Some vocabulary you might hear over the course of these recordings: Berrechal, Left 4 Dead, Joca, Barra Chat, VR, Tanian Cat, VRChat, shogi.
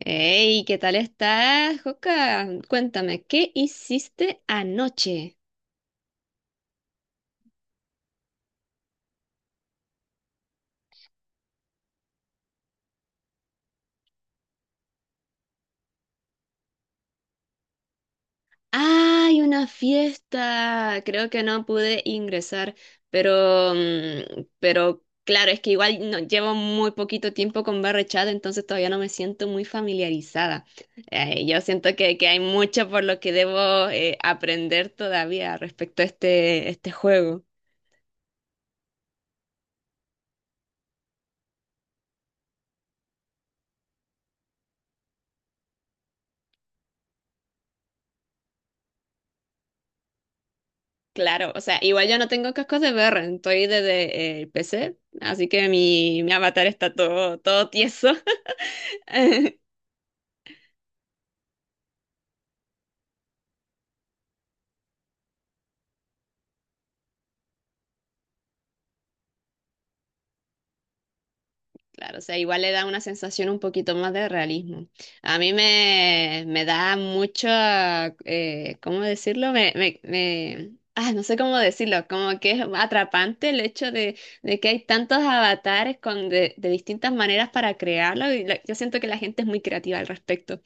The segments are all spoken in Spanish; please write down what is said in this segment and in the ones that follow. Hey, ¿qué tal estás, Joca? Cuéntame, ¿qué hiciste anoche? ¡Ay, una fiesta! Creo que no pude ingresar, pero, pero claro, es que igual no, llevo muy poquito tiempo con Barra Chat, entonces todavía no me siento muy familiarizada. Yo siento que hay mucho por lo que debo aprender todavía respecto a este juego. Claro, o sea, igual yo no tengo cascos de VR, estoy desde el PC, así que mi avatar está todo tieso. Claro, o sea, igual le da una sensación un poquito más de realismo. A mí me da mucho, ¿cómo decirlo? No sé cómo decirlo, como que es atrapante el hecho de que hay tantos avatares con, de distintas maneras para crearlo yo siento que la gente es muy creativa al respecto.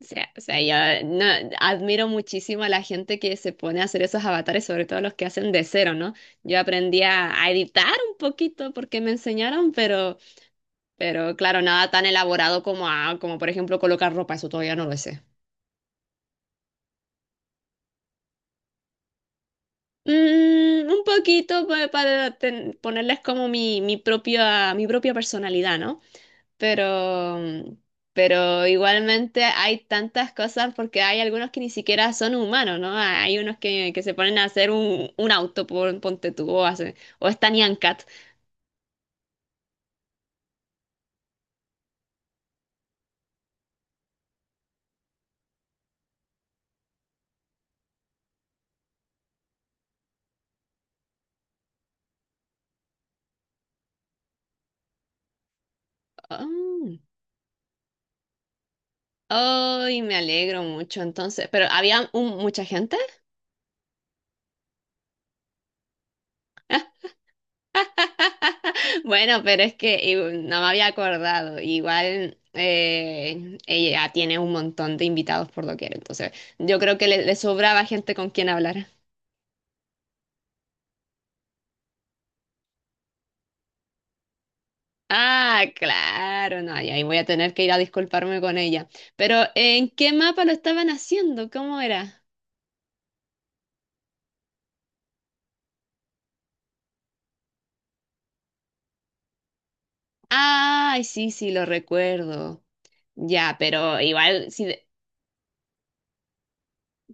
O sea, yo no, admiro muchísimo a la gente que se pone a hacer esos avatares, sobre todo los que hacen de cero, ¿no? Yo aprendí a editar un poquito porque me enseñaron, pero claro, nada tan elaborado como, como por ejemplo colocar ropa, eso todavía no lo sé. Mm, un poquito ponerles como mi propia personalidad, ¿no? Pero, pero igualmente hay tantas cosas porque hay algunos que ni siquiera son humanos, ¿no? Hay unos que se ponen a hacer un auto, por, ponte tú, o, hacen, o es Tanian Cat. Oh, ay, me alegro mucho entonces. Pero mucha gente. Bueno, pero es que no me había acordado. Igual ella tiene un montón de invitados por doquier, entonces yo creo que le sobraba gente con quien hablar. Ah, claro, no, y ahí voy a tener que ir a disculparme con ella. Pero, ¿en qué mapa lo estaban haciendo? ¿Cómo era? Ay, sí, sí, lo recuerdo. Ya, pero igual, sí, de-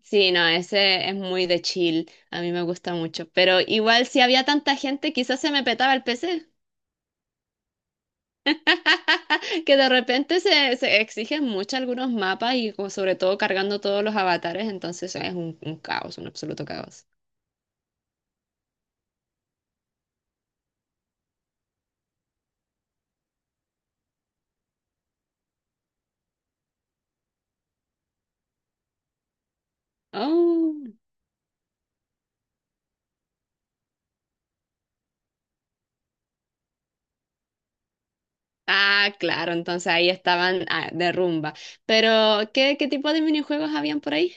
sí, no, ese es muy de chill, a mí me gusta mucho. Pero igual, si había tanta gente, quizás se me petaba el PC. Que de repente se exigen mucho algunos mapas y como sobre todo cargando todos los avatares, entonces es un caos, un absoluto caos. Oh. Ah, claro, entonces ahí estaban ah, de rumba. Pero, ¿ qué tipo de minijuegos habían por ahí?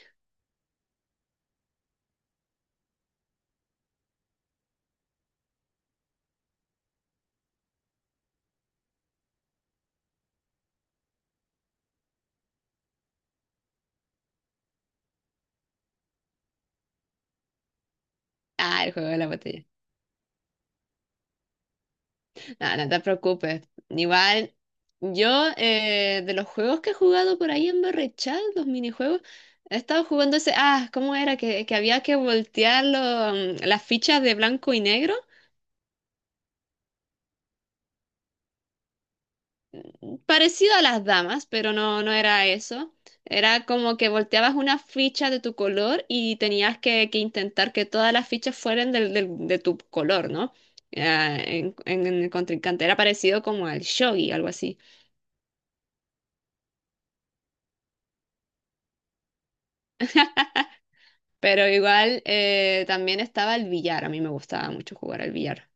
Ah, el juego de la botella. No, no te preocupes. Igual, yo de los juegos que he jugado por ahí en Berrechal, los minijuegos, he estado jugando ese. Ah, ¿cómo era? Que había que mm, las fichas de blanco y negro parecido a las damas, pero no, no era eso. Era como que volteabas una ficha de tu color y tenías que intentar que todas las fichas fueran de tu color, ¿no? Ah, en el contrincante. Era parecido como al shogi, algo así. Pero igual también estaba el billar. A mí me gustaba mucho jugar al billar.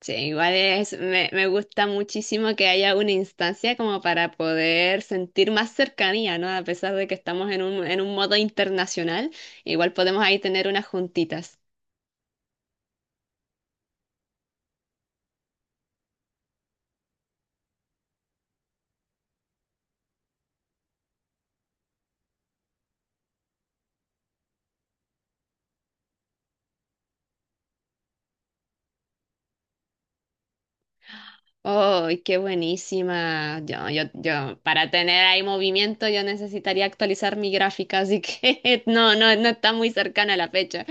Sí, igual es, me gusta muchísimo que haya una instancia como para poder sentir más cercanía, ¿no? A pesar de que estamos en en un modo internacional, igual podemos ahí tener unas juntitas. ¡Oh, qué buenísima! Yo, para tener ahí movimiento yo necesitaría actualizar mi gráfica, así que no, no, no está muy cercana la fecha.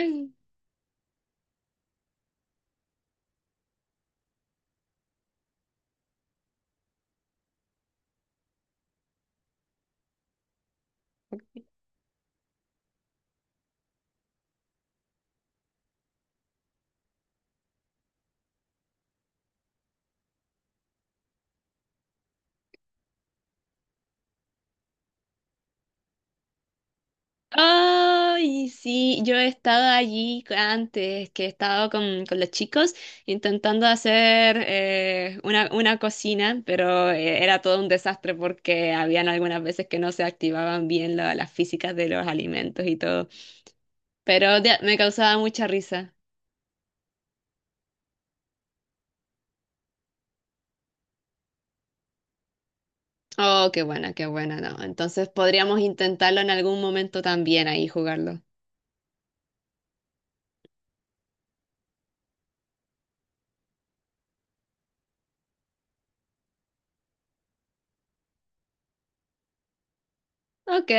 Ay, sí, yo he estado allí antes, que he estado con los chicos intentando hacer una cocina, pero era todo un desastre porque habían algunas veces que no se activaban bien las físicas de los alimentos y todo, pero me causaba mucha risa. Oh, qué buena, no. Entonces podríamos intentarlo en algún momento también ahí jugarlo. Ok,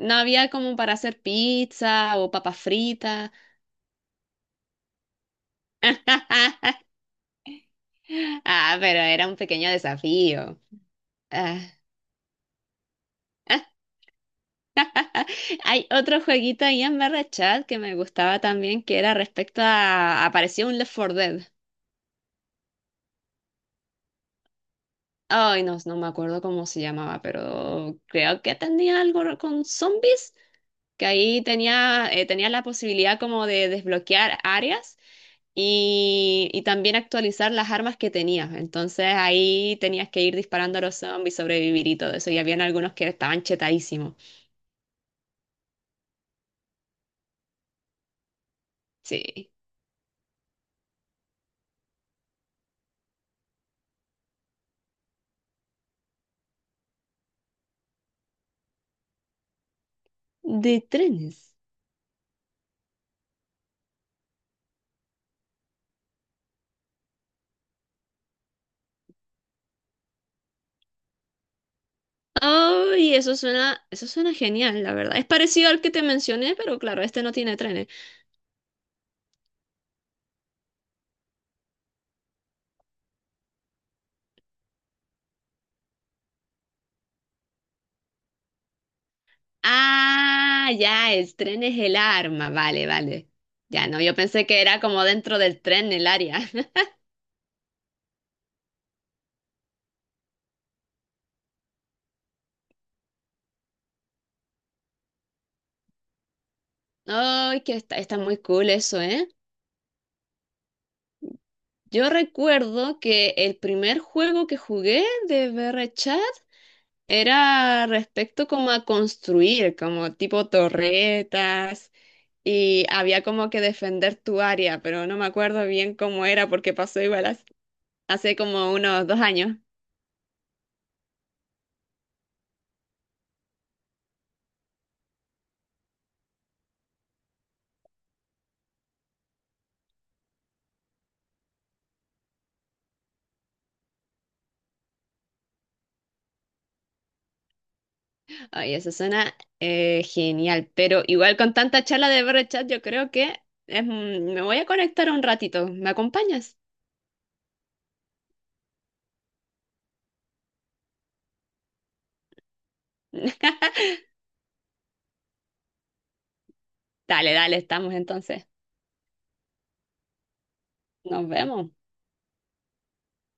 no había como para hacer pizza o papas fritas. Ah, pero era un pequeño desafío. Ah, ah, hay otro jueguito ahí en Barra Chat que me gustaba también, que era respecto a... Aparecía un Left 4 Dead. Ay, no, no me acuerdo cómo se llamaba, pero creo que tenía algo con zombies, que ahí tenía, tenía la posibilidad como de desbloquear áreas y también actualizar las armas que tenías. Entonces ahí tenías que ir disparando a los zombies, sobrevivir y todo eso. Y habían algunos que estaban chetadísimos. Sí. De trenes. Ay, eso suena genial, la verdad. Es parecido al que te mencioné, pero claro, este no tiene trenes. Ah, ya, el tren es el arma. Vale, vale. Ya no, yo pensé que era como dentro del tren el área. Ay, que está, está muy cool eso, ¿eh? Yo recuerdo que el primer juego que jugué de VRChat era respecto como a construir, como tipo torretas y había como que defender tu área, pero no me acuerdo bien cómo era porque pasó igual hace, hace como unos 2 años. Ay, eso suena genial, pero igual con tanta charla de ver chat yo creo que me voy a conectar un ratito. ¿Me acompañas? Dale, dale, estamos entonces. Nos vemos.